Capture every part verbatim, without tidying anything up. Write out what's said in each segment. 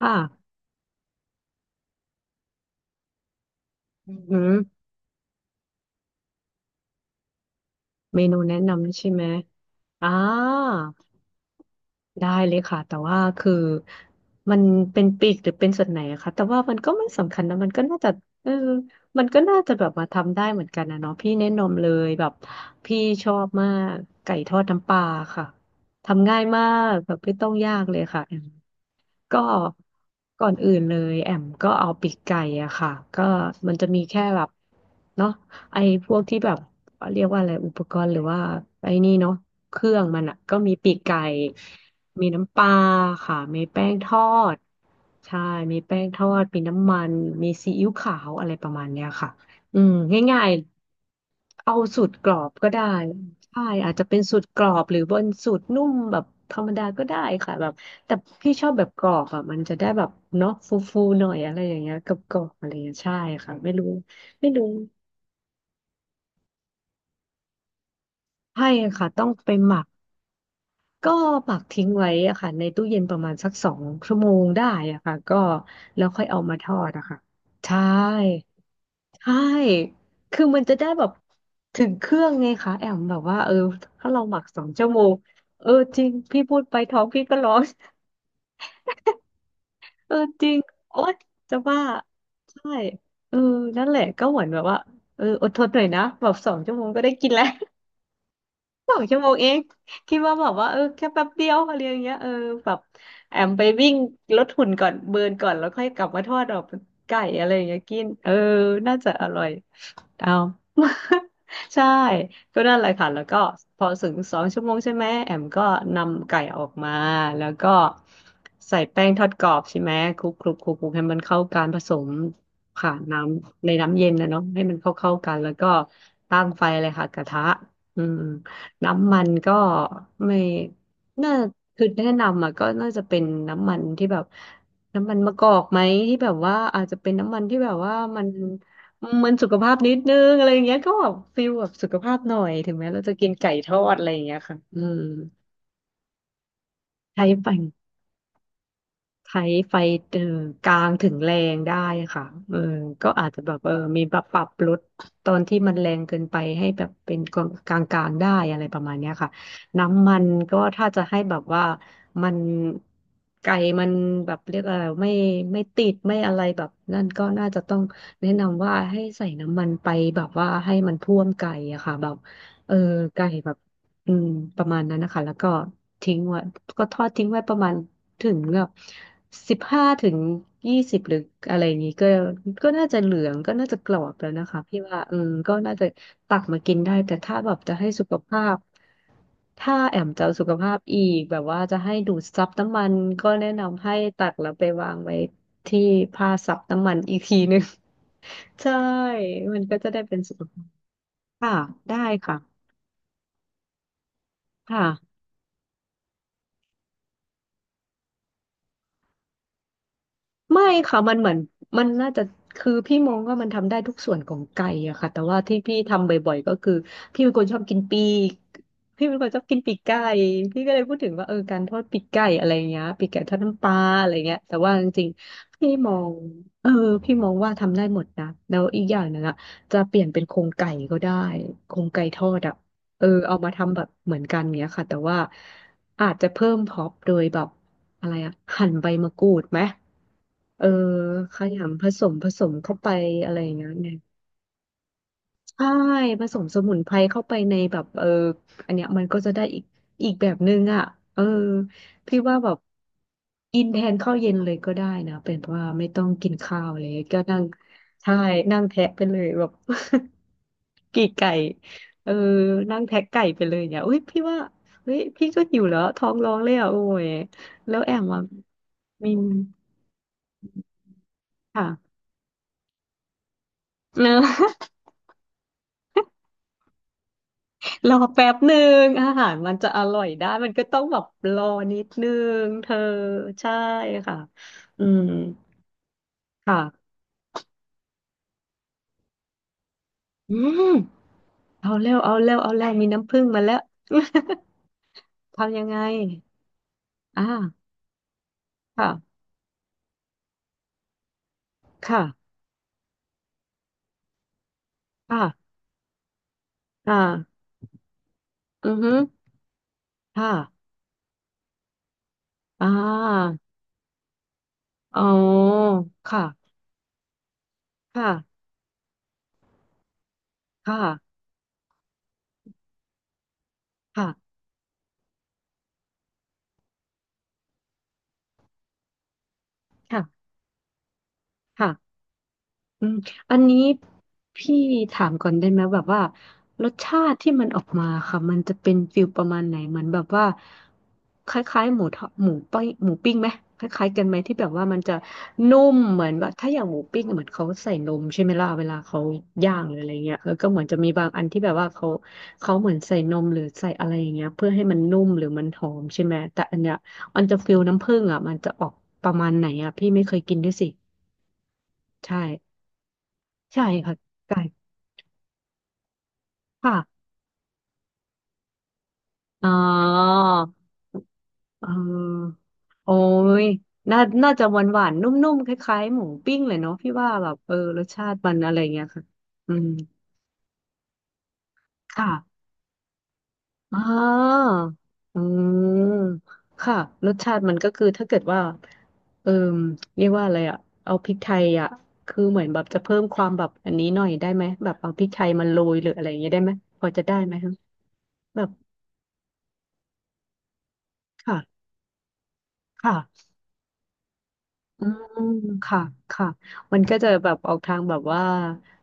ค่ะอืมเมนูแนะนำใช่ไหม อ่า ได้เลยค่ะแต่ว่าคือมันเป็นปีกหรือเป็นส่วนไหนอะคะแต่ว่ามันก็ไม่สำคัญนะมันก็น่าจะเออมันก็น่าจะแบบมาทำได้เหมือนกันนะเนาะพี่แนะนำเลยแบบพี่ชอบมากไก่ทอดน้ำปลาค่ะทำง่ายมากแบบไม่ต้องยากเลยค่ะแอมก็ก่อนอื่นเลยแอมก็เอาปีกไก่อะค่ะก็มันจะมีแค่แบบเนาะไอ้พวกที่แบบเรียกว่าอะไรอุปกรณ์หรือว่าไอ้นี่เนาะเครื่องมันอะก็มีปีกไก่ มีน้ำปลาค่ะมีแป้งทอดใช่มีแป้งทอดมีน้ำมันมีซีอิ๊วขาวอะไรประมาณเนี้ยค่ะอืมง่ายๆเอาสูตรกรอบก็ได้ใช่อาจจะเป็นสูตรกรอบหรือบนสูตรนุ่มแบบธรรมดาก็ได้ค่ะแบบแต่พี่ชอบแบบกรอบอ่ะมันจะได้แบบเนาะฟูๆหน่อยอะไรอย่างเงี้ยกับกรอบๆอะไรอย่างเงี้ยใช่ค่ะไม่รู้ไม่รู้ใช่ค่ะต้องไปหมัก ก็ปักทิ้งไว้อะค่ะในตู้เย็นประมาณสักสองชั่วโมงได้อะค่ะก็แล้วค่อยเอามาทอดอะค่ะใช่ใช่คือมันจะได้แบบถึงเครื่องไงคะแอมแบบว่าเออถ้าเราหมักสองชั่วโมงเออจริงพี่พูดไปท้องพี่ก็ร้อง เออจริงโอ๊ยจะว่าใช่เออนั่นแหละก็เหมือนแบบว่าเอออดทนหน่อยนะแบบสองชั่วโมงก็ได้กินแล้ว สองชั่วโมงเอง คิดว่าแบบว่าเออแค่แป๊บเดียวอะไรอย่างเงี้ยเออแบบแอมไปวิ่งลดหุ่นก่อนเบิร์นก่อนแล้วค่อยกลับมาทอดดอกไก่อะไรอย่างเงี้ยกินเออน่าจะอร่อย เอา ใช่ก็นั่นแหละค่ะแล้วก็พอถึงสองชั่วโมงใช่ไหมแอมก็นำไก่ออกมาแล้วก็ใส่แป้งทอดกรอบใช่ไหมคลุกคลุกคลุกคลุกให้มันเข้ากันผสมผ่านน้ำในน้ำเย็นนะเนาะให้มันเข้าเข้ากันแล้วก็ตั้งไฟเลยค่ะกระทะอืมน้ำมันก็ไม่น่าคือแนะนำอ่ะก็น่าจะเป็นน้ำมันที่แบบน้ำมันมะกอกไหมที่แบบว่าอาจจะเป็นน้ำมันที่แบบว่ามัน มันสุขภาพนิดนึงอะไรอย่างเงี้ยก็แบบฟิลแบบสุขภาพหน่อยถึงแม้เราจะกินไก่ทอดอะไรอย่างเงี้ยค่ะอืมใช้ไป ใช้ไฟเออกลางถึงแรงได้ค่ะเออก็อาจจะแบบเออมีแบบปรับลดตอนที่มันแรงเกินไปให้แบบเป็นกลางกลางๆได้อะไรประมาณเนี้ยค่ะน้ำมันก็ถ้าจะให้แบบว่ามันไก่มันแบบเรียกอะไรไม่ไม่ติดไม่อะไรแบบนั่นก็น่าจะต้องแนะนำว่าให้ใส่น้ำมันไปแบบว่าให้มันท่วมไก่อะค่ะแบบเออไก่แบบอืมประมาณนั้นนะคะแล้วก็ทิ้งไว้ก็ทอดทิ้งไว้ประมาณ ถึงแบบสิบห้าถึงยี่สิบหรืออะไรอย่างนี้ก็ก็น่าจะเหลืองก็น่าจะกรอบแล้วนะคะพี่ว่าเออก็น่าจะตักมากินได้แต่ถ้าแบบจะให้สุขภาพถ้าแอมจะเอาสุขภาพอีกแบบว่าจะให้ดูดซับน้ำมันก็แนะนำให้ตักแล้วไปวางไว้ที่ผ้าซับน้ำมันอีกทีนึง ใช่ มันก็จะได้เป็นสุขภาพค่ะได้ค่ะค่ะ ไม่ค่ะมันเหมือนมันน่าจะคือพี่มองว่ามันทำได้ทุกส่วนของไก่อะค่ะแต่ว่าที่พี่ทำบ่อยๆก็คือพี่เป็นคนชอบกินปีกพี่เป็นคนชอบกินปีกไก่พี่ก็เลยพูดถึงว่าเออการทอดปีกไก่อะไรเงี้ยปีกไก่ทอดน้ำปลาอะไรเงี้ยแต่ว่าจริงๆพี่มองเออพี่มองว่าทำได้หมดนะแล้วอีกอย่างหนึงอะจะเปลี่ยนเป็นโครงไก่ก็ได้โครงไก่ทอดอะเออเอามาทำแบบเหมือนกันเงี้ยค่ะแต่ว่าอาจจะเพิ่มพร็อพโดยแบบอะไรอะหั่นใบมะกรูดไหม เออขยำผสมผสมเข้าไปอะไรอย่างเงี้ยเนใช่ผสมสมุนไพรเข้าไปในแบบเอออันเนี้ยมันก็จะได้อีกอีกแบบนึงอ่ะเออพี่ว่าแบบกินแทนข้าวเย็นเลยก็ได้นะเป็นเพราะว่าไม่ต้องกินข้าวเลยก็นั่งใช่นั่งแทะไปเลยแบบ กี่ไก่เออนั่งแทะไก่ไปเลยเนี่ยอุ้ยพี่ว่าเฮ้ยพี่ก็หิวแล้วท้องร้องเลยอ่ะโอ้ยแล้วแอมอ่ะมีค่ะ เนอะ รอแป๊บหนึ่งอาหารมันจะอร่อยได้มันก็ต้องแบบรอนิดนึงเธอใช่ค่ะอืมค่ะอืมเอาเร็วเอาเร็วเอาเร็วมีน้ำผึ้งมาแล้ว ทำยังไงอ่าค่ะค่ะค่ะอ่าอือฮึค่ะอ่าอ๋อค่ะค่ะค่ะค่ะค่ะ อืมอันนี้พี่ถามก่อนได้ไหมแบบว่ารสชาติที่มันออกมาค่ะมันจะเป็นฟิลประมาณไหนเหมือนแบบว่าคล้ายๆหมูทอดหมูปิ้งหมูปิ้งไหมคล้ายๆกันไหมที่แบบว่ามันจะนุ่มเหมือนแบบถ้าอย่างหมูปิ้งอะเหมือนเขาใส่นมใช่ไหมล่ะเวลาเขาย่างหรืออะไรเงี้ยแล้วก็เหมือนจะมีบางอันที่แบบว่าเขาเขาเหมือนใส่นมหรือใส่อะไรอย่างเงี้ยเพื่อให้มันนุ่มหรือมันหอมใช่ไหมแต่อันเนี้ยมันจะฟิลน้ำผึ้งอ่ะมันจะออกประมาณไหนอ่ะพี่ไม่เคยกินด้วยสิใช่ใช่ค่ะ่ ค่ะอ๋อเออโอ้ยน่าน่าจะหวานหวานนุ่มๆคล้ายๆหมูปิ้งเลยเนาะพี่ว่าแบบเออรสชาติมันอะไรเงี้ยค่ะอืมค่ะอ๋ออืมค่ะรสชาติมันก็คือถ้าเกิดว่าเออเรียกว่าอะไรอะเอาพริกไทยอะคือเหมือนแบบจะเพิ่มความแบบอันนี้หน่อยได้ไหมแบบเอาพริกไทยมาโรยหรืออะไรอย่างเงี้ยได้ไหมพอจะได้ไหมคะแบบค่ะค่ะ อืมค่ะค่ะมันก็จะแบบออกทางแบบว่า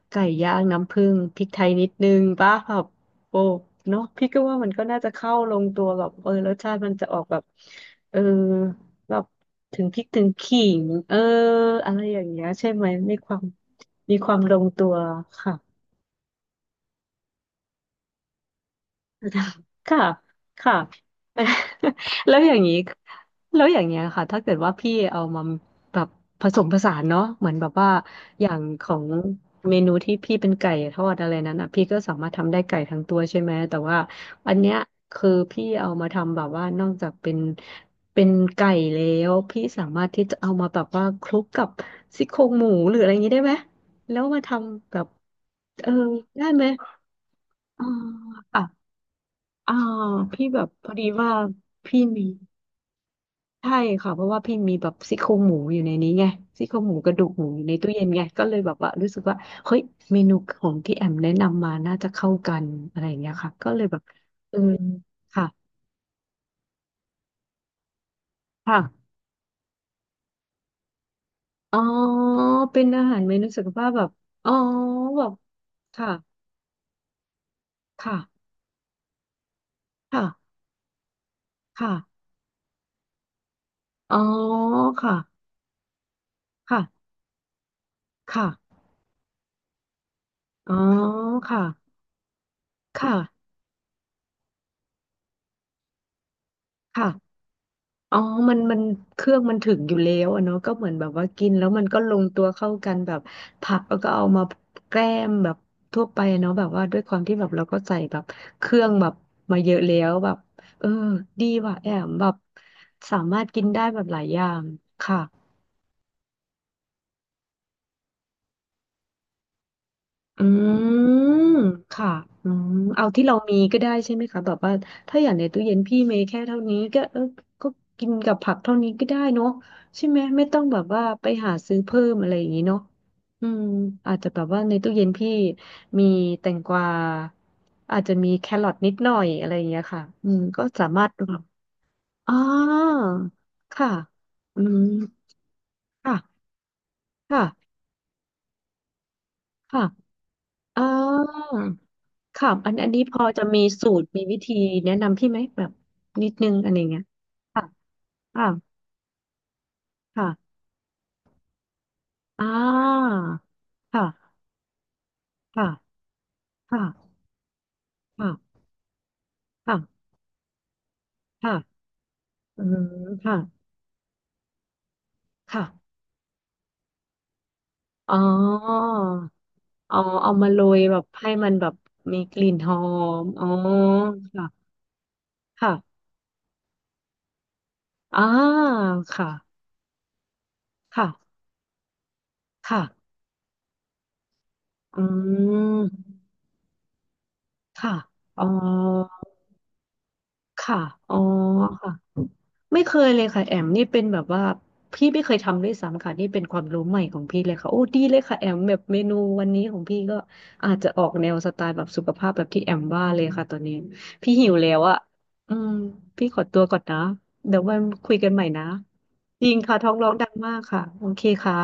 ไก่ย่างน้ำผึ้งพริกไทยนิดนึงป่ะแบบโอ้เนาะพี่ก็ว่ามันก็น่าจะเข้าลงตัวแบบเออรสชาติมันจะออกแบบเออแบบถึงพริกถึงขิงเอออะไรอย่างเงี้ยใช่ไหมมีความมีความลงตัวค่ะ ค่ะค่ะ แล้วอย่างนี้แล้วอย่างเงี้ยค่ะถ้าเกิดว่าพี่เอามาแบบผสมผสานเนาะเหมือนแบบว่าอย่างของเมนูที่พี่เป็นไก่ทอดอะไรนั้นอ่ะพี่ก็สามารถทำได้ไก่ทั้งตัวใช่ไหมแต่ว่าอันเนี้ยคือพี่เอามาทำแบบว่านอกจากเป็นเป็นไก่แล้วพี่สามารถที่จะเอามาแบบว่าคลุกกับซี่โครงหมูหรืออะไรอย่างนี้ได้ไหมแล้วมาทำแบบเออได้ไหมอ๋อ อ่าพี่แบบพอดีว่าพี่มีใช่ค่ะเพราะว่าพี่มีแบบซี่โครงหมูอยู่ในนี้ไงซี่โครงหมูกระดูกหมูอยู่ในตู้เย็นไงก็เลยแบบว่ารู้สึกว่าเฮ้ยเมนูของที่แอมแนะนำมาน่าจะเข้ากันอะไรอย่างเงี้ยค่ะก็เลยแบบเออค่ะค่ะอ๋อเป็นอาหารเมนูสุขภาพแบบอ๋อแบบค่ะค่ะค่ะค่ะอ๋อค่ะค่ะค่ะอ๋อค่ะค่ะค่ะ อ๋อมันมันเครื่องมันถึงอยู่แล้วอะเนาะก็เหมือนแบบว่ากินแล้วมันก็ลงตัวเข้ากันแบบผักแล้วก็เอามาแกล้มแบบทั่วไปเนาะแบบว่าด้วยความที่แบบเราก็ใส่แบบเครื่องแบบมาเยอะแล้วแบบเออดีว่ะแอมแบบสามารถกินได้แบบหลายอย่างค่ะ อืมค่ะอืมเอาที่เรามีก็ได้ใช่ไหมคะแบบว่าถ้าอย่างในตู้เย็นพี่เมีแค่เท่านี้ก็เออก็กินกับผักเท่านี้ก็ได้เนาะใช่ไหมไม่ต้องแบบว่าไปหาซื้อเพิ่มอะไรอย่างนี้เนาะอืมอาจจะแบบว่าในตู้เย็นพี่มีแตงกวาอาจจะมีแครอทนิดหน่อยอะไรอย่างเงี้ยค่ะอืมก็สามารถอ๋อค่ะอืมค่ะค่ะค่ะอ๋อ ค่ะอันอันนี้พอจะมีสูตรมีวิธีแนะนำพี่ไหมแบบนิดนึงอะไรเงี้ยค่ะค่ะค่ะอ่าค่ะค่ะค่ะค่ะค่ะค่ะอืมค่ะค่ะอ๋อเอาเอามาโรยแบบให้มันแบบมีกลิ่นหอมอ๋อค่ะค่ะอ่าค่ะค่ะค่ะอืมค่ะอ๋อ ค่ะอ๋อค่ะไม่เคยเลยค่ะแอมนี่เป็นแบบว่าพี่ไม่เคยทำด้วยซ้ำค่ะนี่เป็นความรู้ใหม่ของพี่เลยค่ะโอ้ดีเลยค่ะแอมแบบเมนูวันนี้ของพี่ก็อาจจะออกแนวสไตล์แบบสุขภาพแบบที่แอมว่าเลยค่ะตอนนี้พี่หิวแล้วอะอืมพี่ขอตัวก่อนนะเดี๋ยววันคุยกันใหม่นะจริงค่ะท้องร้องดังมากค่ะโอเคค่ะ